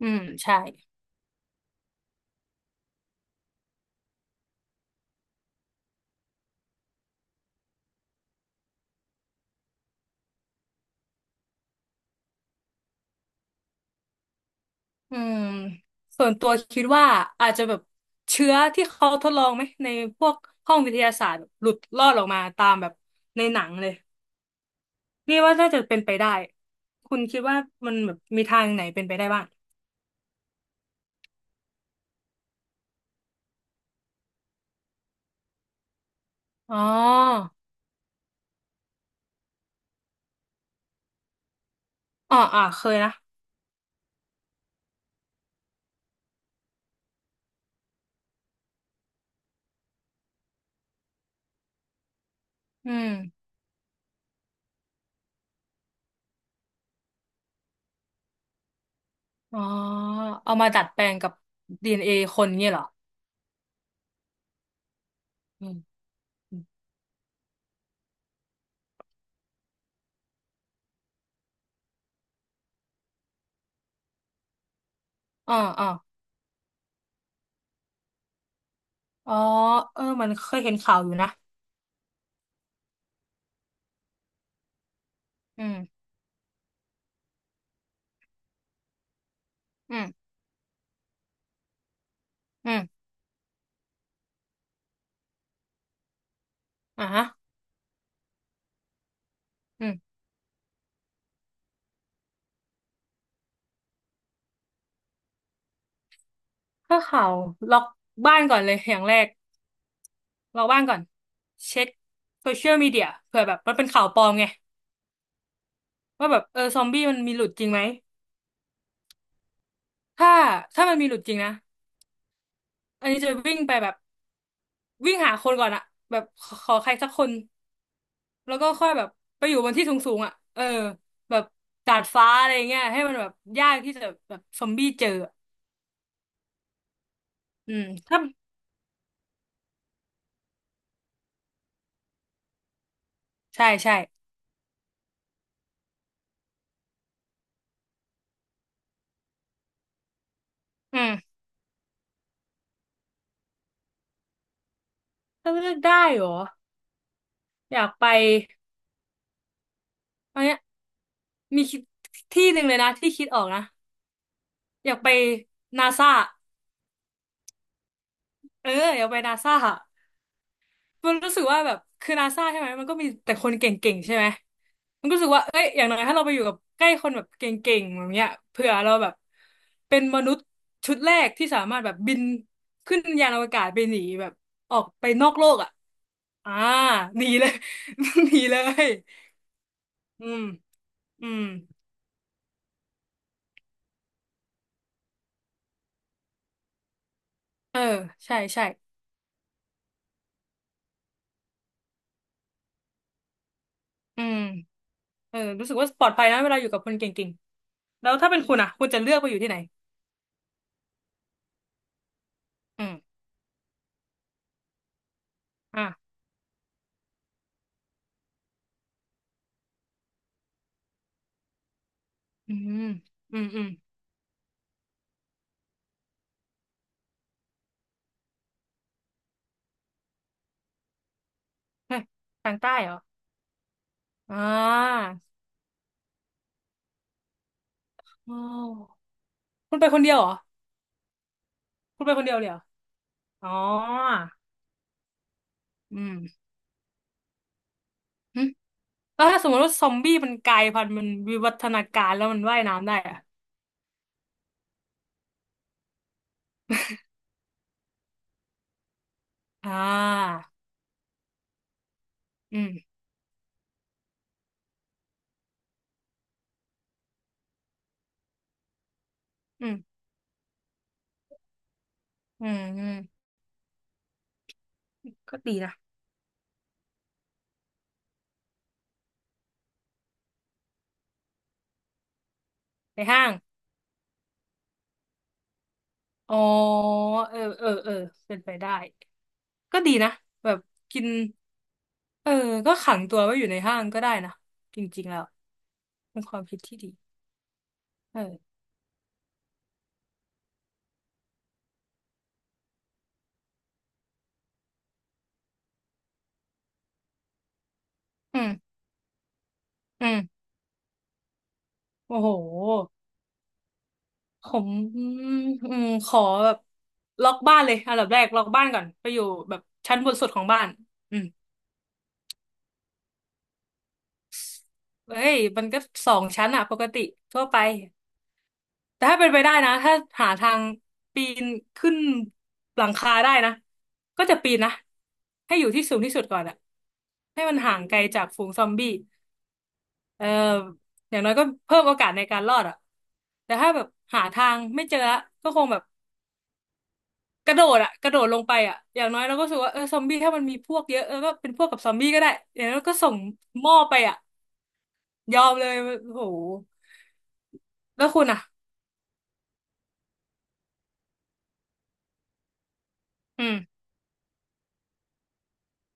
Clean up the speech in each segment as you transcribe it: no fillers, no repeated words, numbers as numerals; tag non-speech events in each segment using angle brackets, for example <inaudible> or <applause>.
อืมใช่ อืมส่วนตัวคิดว่าอาจจะแบบเชื้อที่เขาทดลองไหมในพวกห้องวิทยาศาสตร์แบบหลุดรอดออกมาตามแบบในหนังเลยนี่ว่าน่าจะเป็นไปได้คุณคิดว่ามันแบบมีทางไหนเป็นไปได้บ้างอ๋ออ๋ออ่าเคยนะอืมอ๋อเอามาดัดแปลงกับ DNA คนเงี้ยเหรออืมอ๋ออ๋ออ๋อเออมันเคยเห็นข่าวอยู่นะอืมอืมอืมอ่าฮะ ถ้าข่าวล็อกบ้านก่อนเลยอย่างแรกล็อกบ้านก่อนเช็คโซเชียลมีเดียเผื่อแบบมันเป็นข่าวปลอมไงว่าแบบเออซอมบี้มันมีหลุดจริงไหมถ้าถ้ามันมีหลุดจริงนะอันนี้จะวิ่งไปแบบวิ่งหาคนก่อนอะแบบขอใครสักคนแล้วก็ค่อยแบบไปอยู่บนที่สูงๆอะเออแบบดาดฟ้าอะไรเงี้ยให้มันแบบยากที่จะแบบซอมบี้เจออะอืมถ้าใช่ใช่อืมถ้าเลือกได้เหรออยากไปอันเนี้ยมีคิดที่หนึ่งเลยนะที่คิดออกนะ อยากไปนาซาเอออยากไปนาซามันรู้สึกว่าแบบคือนาซาใช่ไหมมันก็มีแต่คนเก่งๆใช่ไหมมันก็รู้สึกว่าเอ้ยอย่างน้อยถ้าเราไปอยู่กับใกล้คนแบบเก่งๆแบบเนี้ยเผื่อเราแบบเป็นมนุษย์ชุดแรกที่สามารถแบบบินขึ้นยานอวกาศไปหนีแบบออกไปนอกโลกอ่ะอ่าหนีเลย <laughs> หนีเลยอืมอืมเออใช่ใช่อืมเออรู้สึกว่าปลอดภัยนะเวลาอยู่กับคนเก่งๆแล้วถ้าเป็นคุณอ่ะคุณจะเลือกไปอยู่ที่ไหนอืมอ่ะ อืมอืมอืมฮะทางใต้เหรออ่าโอ้คุณไปคนเดียวเหรอคุณไปคนเดียวเลยเหรออ๋ออืมหึแล้วถ้าสมมติว่าซอมบี้มันกลายพันธุ์มันวิวัฒนาการแล้วมันว่ายน้ำได้อะอ่าอืมอืมอืมอืม ก็ดีนะ ไปห้าง อ๋อเออเออเออเป็นไปได้ก็ดีนะแบบกินเออก็ขังตัวไว้อยู่ในห้างก็ได้นะ จริงๆแล้วเป็นความคิดที่ดี เอออืม อืมโอ้โหผมอืมอืมขอแบบล็อกบ้านเลยอันดับแรกล็อกบ้านก่อนไปอยู่แบบชั้นบนสุดของบ้านอืมเฮ้ยมันก็สองชั้นอะปกติทั่วไปแต่ถ้าเป็นไปได้นะถ้าหาทางปีนขึ้นหลังคาได้นะก็จะปีนนะให้อยู่ที่สูงที่สุดก่อนอะให้มันห่างไกลจากฝูงซอมบี้เอ่ออย่างน้อยก็เพิ่มโอกาสในการรอดอะแต่ถ้าแบบหาทางไม่เจอละก็คงแบบ กระโดดอะกระโดดลงไปอะอย่างน้อยเราก็รู้สึกว่าเออซอมบี้ถ้ามันมีพวกเยอะเออก็เป็นพวกกับซอมบี้ก็ได้อย่างน้อยก็ส่งหม้อไปอะยอมเลยโอ้โหแล้วคุณอะอืม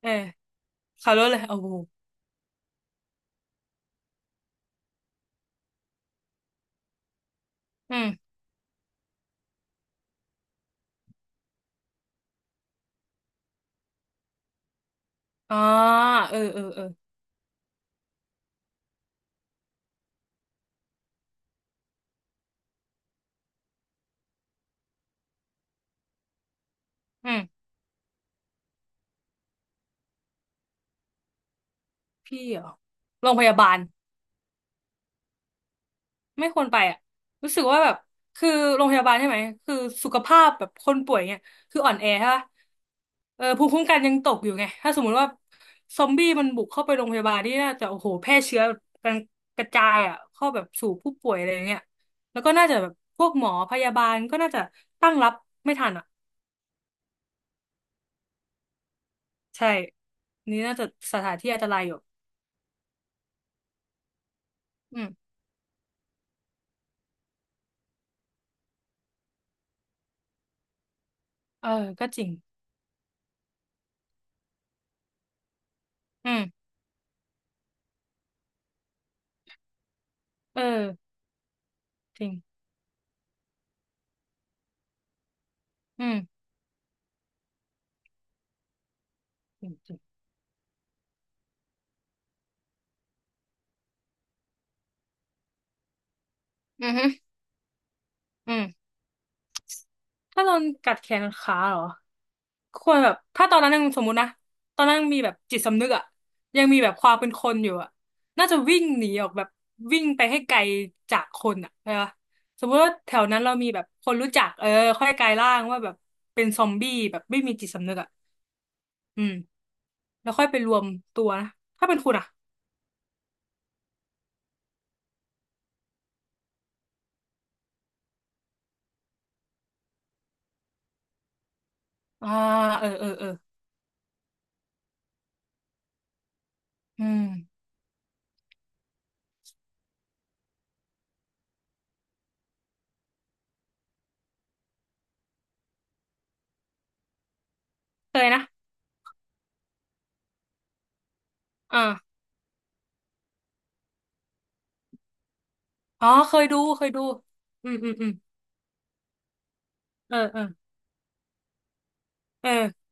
เออขับรถเลยโอ้โหอืมอ๋อเออเออเอออืมพี่เหรอโรงพยาบาล ไม่ควรไปอ่ะรู้สึกว่าแบบคือโรงพยาบาลใช่ไหมคือสุขภาพแบบคนป่วยเนี่ยคืออ่อนแอใช่ปะเออภูมิคุ้มกันยังตกอยู่ไงถ้าสมมุติว่าซอมบี้มันบุกเข้าไปโรงพยาบาลนี่น่าจะโอ้โหแพร่เชื้อกันกระจายอ่ะเข้าแบบสู่ผู้ป่วยอะไรอย่างเงี้ยแล้วก็น่าจะแบบพวกหมอพยาบาลก็น่าจะตั้งรับไม่ทันอ่ะใช่นี่น่าจะสถานที่อันตรายอยู่อืมเออก็จริงอืมเออจริงอืมจริงจริงอือฮึอืม ถ้าโดนกัดแขนขาเหรอควรแบบถ้าตอนนั้นยังสมมุตินะตอนนั้นยังมีแบบจิตสำนึกอะยังมีแบบความเป็นคนอยู่อะน่าจะวิ่งหนีออกแบบวิ่งไปให้ไกลจากคนอะใช่ปะสมมติว่าแถวนั้นเรามีแบบคนรู้จักเออค่อยกลายร่างว่าแบบเป็นซอมบี้แบบไม่มีจิตสำนึกอะอืมแล้วค่อยไปรวมตัวนะถ้าเป็นคุณอะอ่าเออเออเอออืมเคยนะอ่าอ๋อเคยดู เคยดูอืมอืมอืมเออเออเออ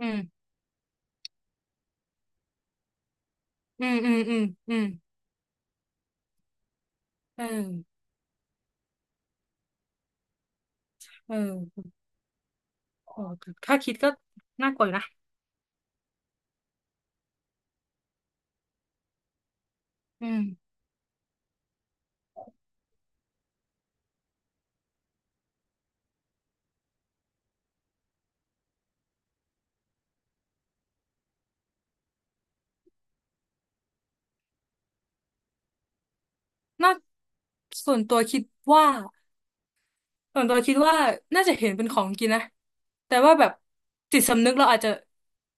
อืม อืมอืมอืมอืมเออเออโอ้ถ้าคิดก็น่ากลัวอยู่นะอืมน่าส่วนตัวคิดว่าส่วนตัวคิดว่าน่าจะเห็นเป็นของกินนะแต่ว่าแบบจิตสำนึกเราอาจจะ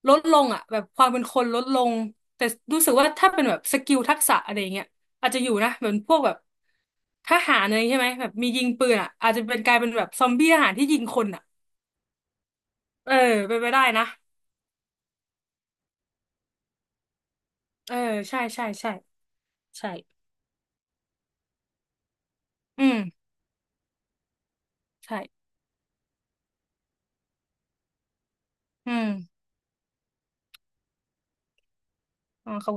ลดลงอ่ะแบบความเป็นคนลดลงแต่รู้สึกว่าถ้าเป็นแบบสกิลทักษะอะไรอย่างเงี้ยอาจจะอยู่นะเหมือนพวกแบบทหารอะไรใช่ไหมแบบมียิงปืนอ่ะอาจจะเป็นกลายเป็นแบบซอมบี้ทหารที่ยิงคนอ่ะเออเป็นไปได้นะเออใช่ใช่ใช่ใช่อืมใช่ อืมอ๋อเขา